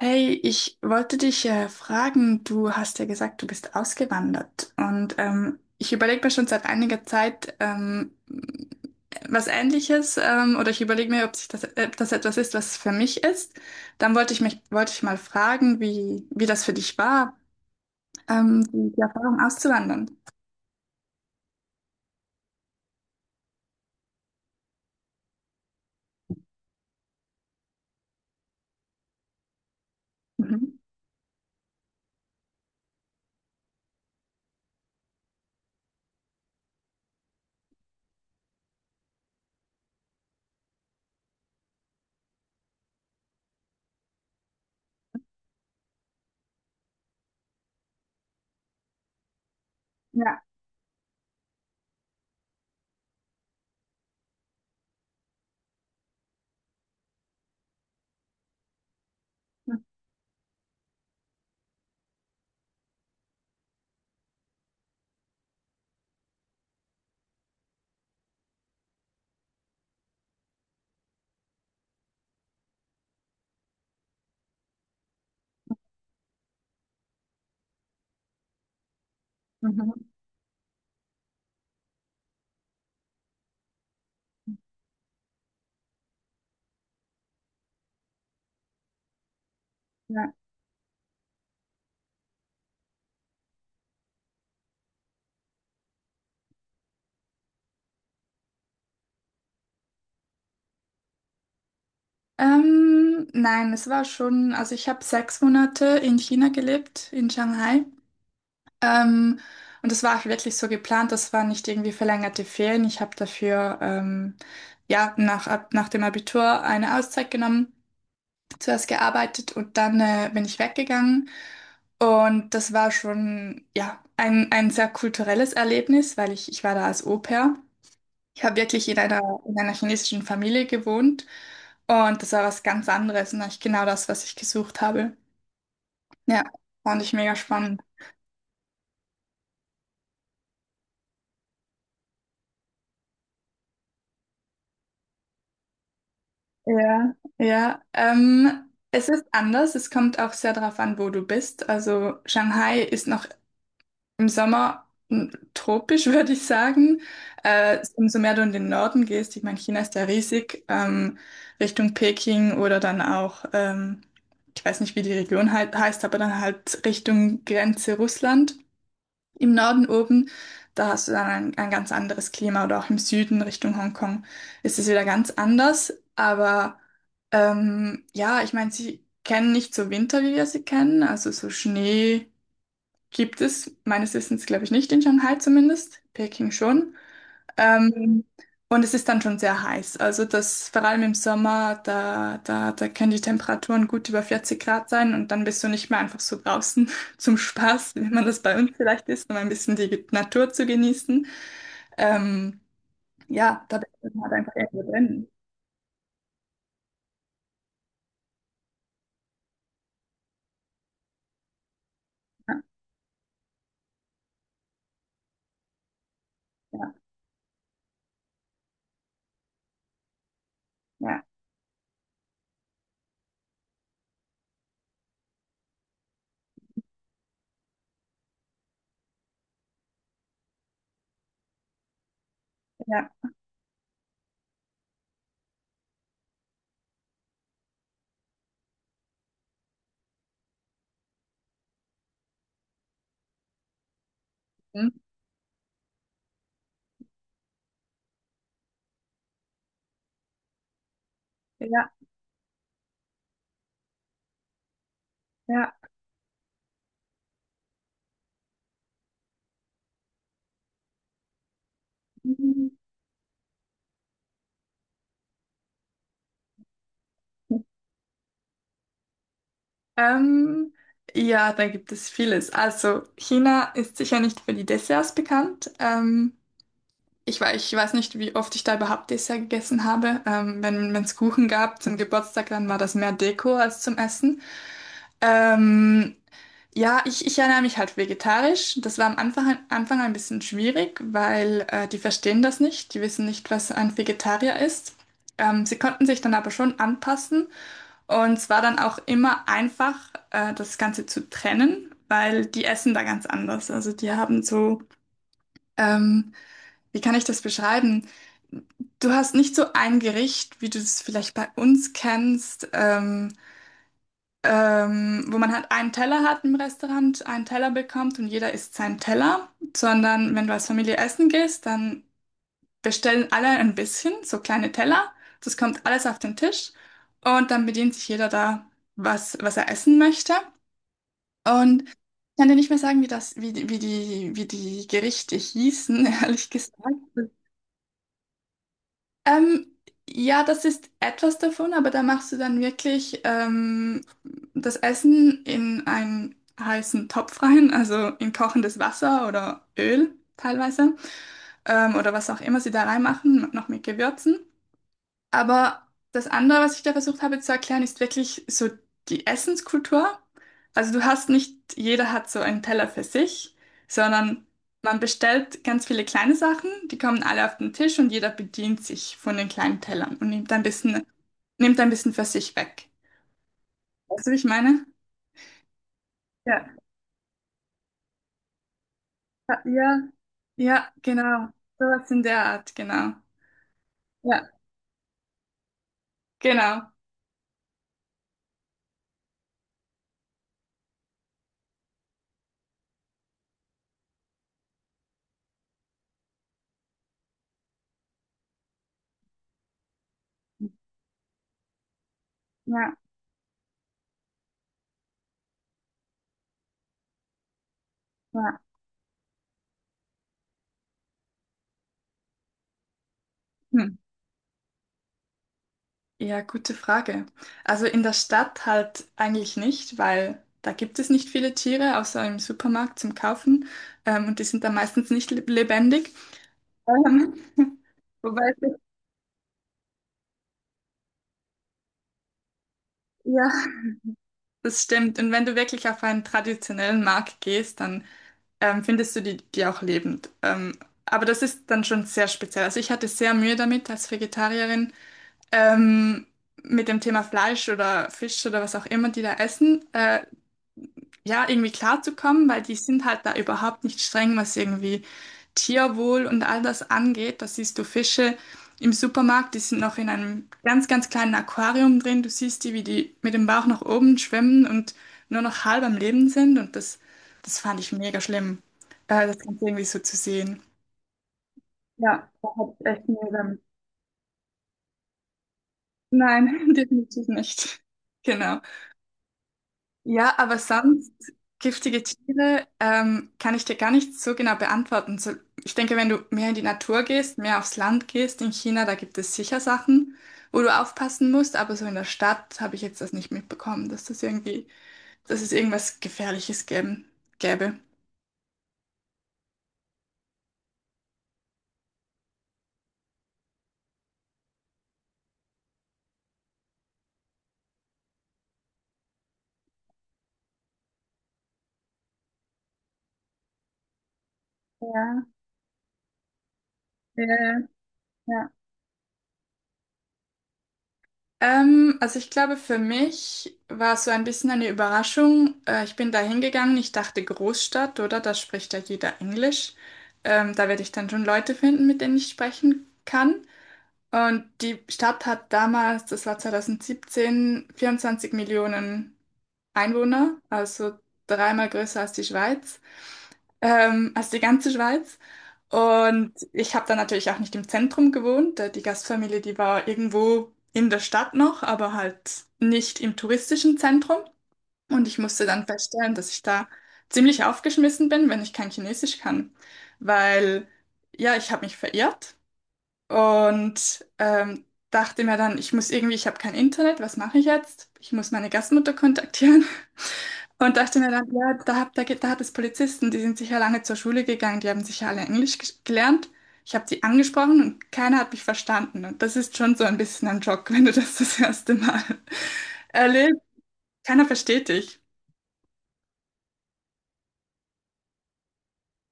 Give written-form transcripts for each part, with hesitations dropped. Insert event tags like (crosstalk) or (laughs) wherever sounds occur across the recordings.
Hey, ich wollte dich fragen, du hast ja gesagt, du bist ausgewandert, und ich überlege mir schon seit einiger Zeit was Ähnliches, oder ich überlege mir, ob das etwas ist, was für mich ist. Dann wollte ich mal fragen, wie das für dich war, die Erfahrung auszuwandern. Mhm. Ja. Mhm. Ja. Nein, es war schon, also ich habe 6 Monate in China gelebt, in Shanghai. Ähm, und das war auch wirklich so geplant, das waren nicht irgendwie verlängerte Ferien. Ich habe dafür, nach dem Abitur eine Auszeit genommen, zuerst gearbeitet und dann bin ich weggegangen. Und das war schon ja ein sehr kulturelles Erlebnis, weil ich war da als Au-pair. Ich habe wirklich in einer chinesischen Familie gewohnt, und das war was ganz anderes und eigentlich genau das, was ich gesucht habe. Ja, fand ich mega spannend. Ja, ja. Es ist anders. Es kommt auch sehr darauf an, wo du bist. Also Shanghai ist noch im Sommer tropisch, (laughs) würde ich sagen. Umso mehr du in den Norden gehst, ich meine, China ist ja riesig, Richtung Peking oder dann auch, ich weiß nicht, wie die Region halt heißt, aber dann halt Richtung Grenze Russland. Im Norden oben, da hast du dann ein ganz anderes Klima, oder auch im Süden Richtung Hongkong ist es wieder ganz anders. Aber ja, ich meine, sie kennen nicht so Winter, wie wir sie kennen. Also so Schnee gibt es meines Wissens, glaube ich, nicht in Shanghai zumindest, Peking schon. Ähm, und es ist dann schon sehr heiß. Also das, vor allem im Sommer, da können die Temperaturen gut über 40 Grad sein, und dann bist du nicht mehr einfach so draußen (laughs) zum Spaß, wie man das bei uns vielleicht ist, um ein bisschen die Natur zu genießen. Ähm, ja, da bist du dann halt einfach irgendwo drin. Ja, ja, ja, ja, hm, ja, ja. Hm. Ähm, ja, da gibt es vieles. Also China ist sicher nicht für die Desserts bekannt. Ich weiß nicht, wie oft ich da überhaupt Dessert gegessen habe. Wenn es Kuchen gab zum Geburtstag, dann war das mehr Deko als zum Essen. Ähm, Ich ernähre mich halt vegetarisch. Das war Anfang ein bisschen schwierig, weil die verstehen das nicht. Die wissen nicht, was ein Vegetarier ist. Sie konnten sich dann aber schon anpassen, und es war dann auch immer einfach, das Ganze zu trennen, weil die essen da ganz anders. Also die haben so... Ähm, Wie kann ich das beschreiben? Du hast nicht so ein Gericht, wie du es vielleicht bei uns kennst, wo man halt einen Teller hat im Restaurant, einen Teller bekommt und jeder isst seinen Teller, sondern wenn du als Familie essen gehst, dann bestellen alle ein bisschen, so kleine Teller. Das kommt alles auf den Tisch, und dann bedient sich jeder da, was er essen möchte. Und ich kann dir nicht mehr sagen, wie das, wie, die- wie die, wie die Gerichte hießen, (laughs) ehrlich gesagt. Ähm, ja, das ist etwas davon, aber da machst du dann wirklich das Essen in einen heißen Topf rein, also in kochendes Wasser oder Öl teilweise, oder was auch immer sie da reinmachen, noch mit Gewürzen. Aber das andere, was ich da versucht habe zu erklären, ist wirklich so die Essenskultur. Also du hast nicht, jeder hat so einen Teller für sich, sondern man bestellt ganz viele kleine Sachen, die kommen alle auf den Tisch, und jeder bedient sich von den kleinen Tellern und nimmt ein bisschen für sich weg. Weißt du, wie ich meine? Ja, ja, ja, ja, genau. Sowas in der Art, genau. Ja, genau. Ja, ja. Ja, gute Frage. Also in der Stadt halt eigentlich nicht, weil da gibt es nicht viele Tiere, außer im Supermarkt zum Kaufen. Und die sind dann meistens nicht lebendig. Ähm, (laughs) Wobei, ja, das stimmt. Und wenn du wirklich auf einen traditionellen Markt gehst, dann findest du die auch lebend. Aber das ist dann schon sehr speziell. Also ich hatte sehr Mühe damit als Vegetarierin, ähm, mit dem Thema Fleisch oder Fisch oder was auch immer die da essen. Ja, irgendwie klarzukommen, weil die sind halt da überhaupt nicht streng, was irgendwie Tierwohl und all das angeht. Da siehst du Fische im Supermarkt, die sind noch in einem ganz kleinen Aquarium drin. Du siehst die, wie die mit dem Bauch nach oben schwimmen und nur noch halb am Leben sind. Und das fand ich mega schlimm, das Ganze irgendwie so zu sehen. Ja, da hat echt mega. Nein, (laughs) definitiv nicht. Genau. Ja, aber sonst giftige Tiere, kann ich dir gar nicht so genau beantworten. So, ich denke, wenn du mehr in die Natur gehst, mehr aufs Land gehst, in China, da gibt es sicher Sachen, wo du aufpassen musst, aber so in der Stadt habe ich jetzt das nicht mitbekommen, dass es irgendwas Gefährliches gäbe. Ja, ja, ja. Also ich glaube, für mich war es so ein bisschen eine Überraschung. Ich bin da hingegangen, ich dachte Großstadt, oder? Da spricht ja jeder Englisch. Da werde ich dann schon Leute finden, mit denen ich sprechen kann. Und die Stadt hat damals, das war 2017, 24 Millionen Einwohner, also dreimal größer als die Schweiz, als die ganze Schweiz. Und ich habe dann natürlich auch nicht im Zentrum gewohnt. Die Gastfamilie, die war irgendwo in der Stadt noch, aber halt nicht im touristischen Zentrum. Und ich musste dann feststellen, dass ich da ziemlich aufgeschmissen bin, wenn ich kein Chinesisch kann. Weil, ja, ich habe mich verirrt. Und dachte mir dann, ich muss irgendwie, ich habe kein Internet, was mache ich jetzt? Ich muss meine Gastmutter kontaktieren. (laughs) Und dachte mir dann, ja, da, hab, da, geht- da hat es Polizisten, die sind sicher lange zur Schule gegangen, die haben sicher alle Englisch gelernt. Ich habe die angesprochen und keiner hat mich verstanden. Und das ist schon so ein bisschen ein Schock, (laughs) wenn du das erste Mal (laughs) erlebst. Keiner versteht dich.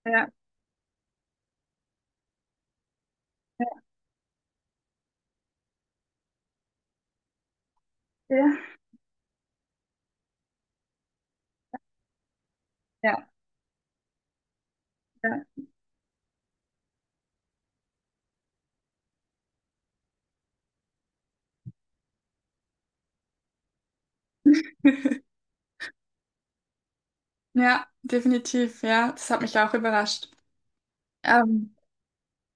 Ja, ja, ja, ja. (laughs) Ja, definitiv, ja. Das hat mich auch überrascht. Ähm,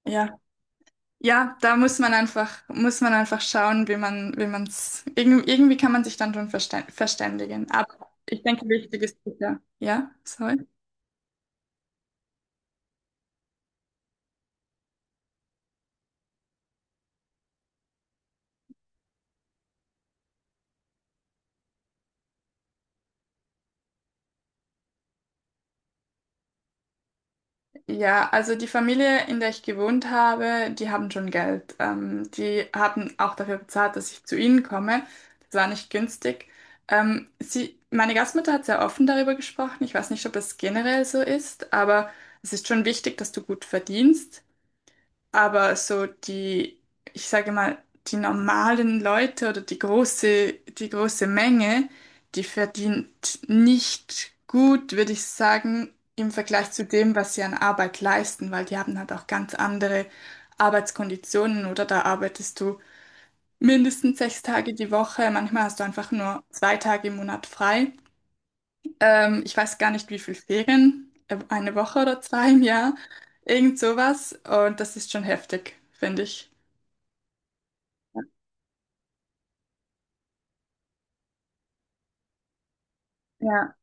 ja. Ja, da muss man einfach schauen, wie man's, irgendwie kann man sich dann schon verständigen. Aber ich denke, wichtig ist sicher. Ja, sorry. Ja, also die Familie, in der ich gewohnt habe, die haben schon Geld. Die haben auch dafür bezahlt, dass ich zu ihnen komme. Das war nicht günstig. Meine Gastmutter hat sehr offen darüber gesprochen. Ich weiß nicht, ob das generell so ist, aber es ist schon wichtig, dass du gut verdienst. Aber so die, ich sage mal, die normalen Leute oder die große Menge, die verdient nicht gut, würde ich sagen, im Vergleich zu dem, was sie an Arbeit leisten, weil die haben halt auch ganz andere Arbeitskonditionen. Oder da arbeitest du mindestens 6 Tage die Woche, manchmal hast du einfach nur 2 Tage im Monat frei. Ich weiß gar nicht, wie viel Ferien, eine Woche oder zwei im Jahr, irgend sowas, und das ist schon heftig, finde ich. Ja.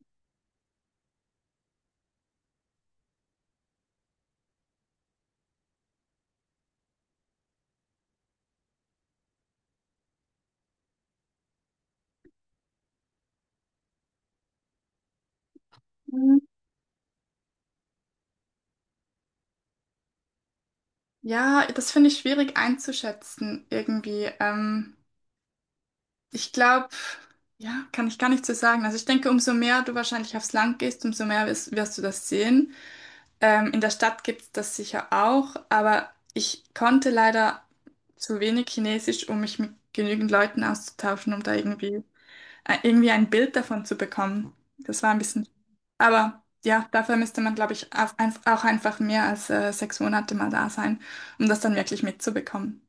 Mhm. Ja, das finde ich schwierig einzuschätzen irgendwie. Ich glaube, ja, kann ich gar nicht so sagen. Also ich denke, umso mehr du wahrscheinlich aufs Land gehst, umso mehr wirst du das sehen. In der Stadt gibt es das sicher auch, aber ich konnte leider zu wenig Chinesisch, um mich mit genügend Leuten auszutauschen, um da irgendwie, ein Bild davon zu bekommen. Das war ein bisschen. Aber ja, dafür müsste man, glaube ich, auch einfach mehr als 6 Monate mal da sein, um das dann wirklich mitzubekommen.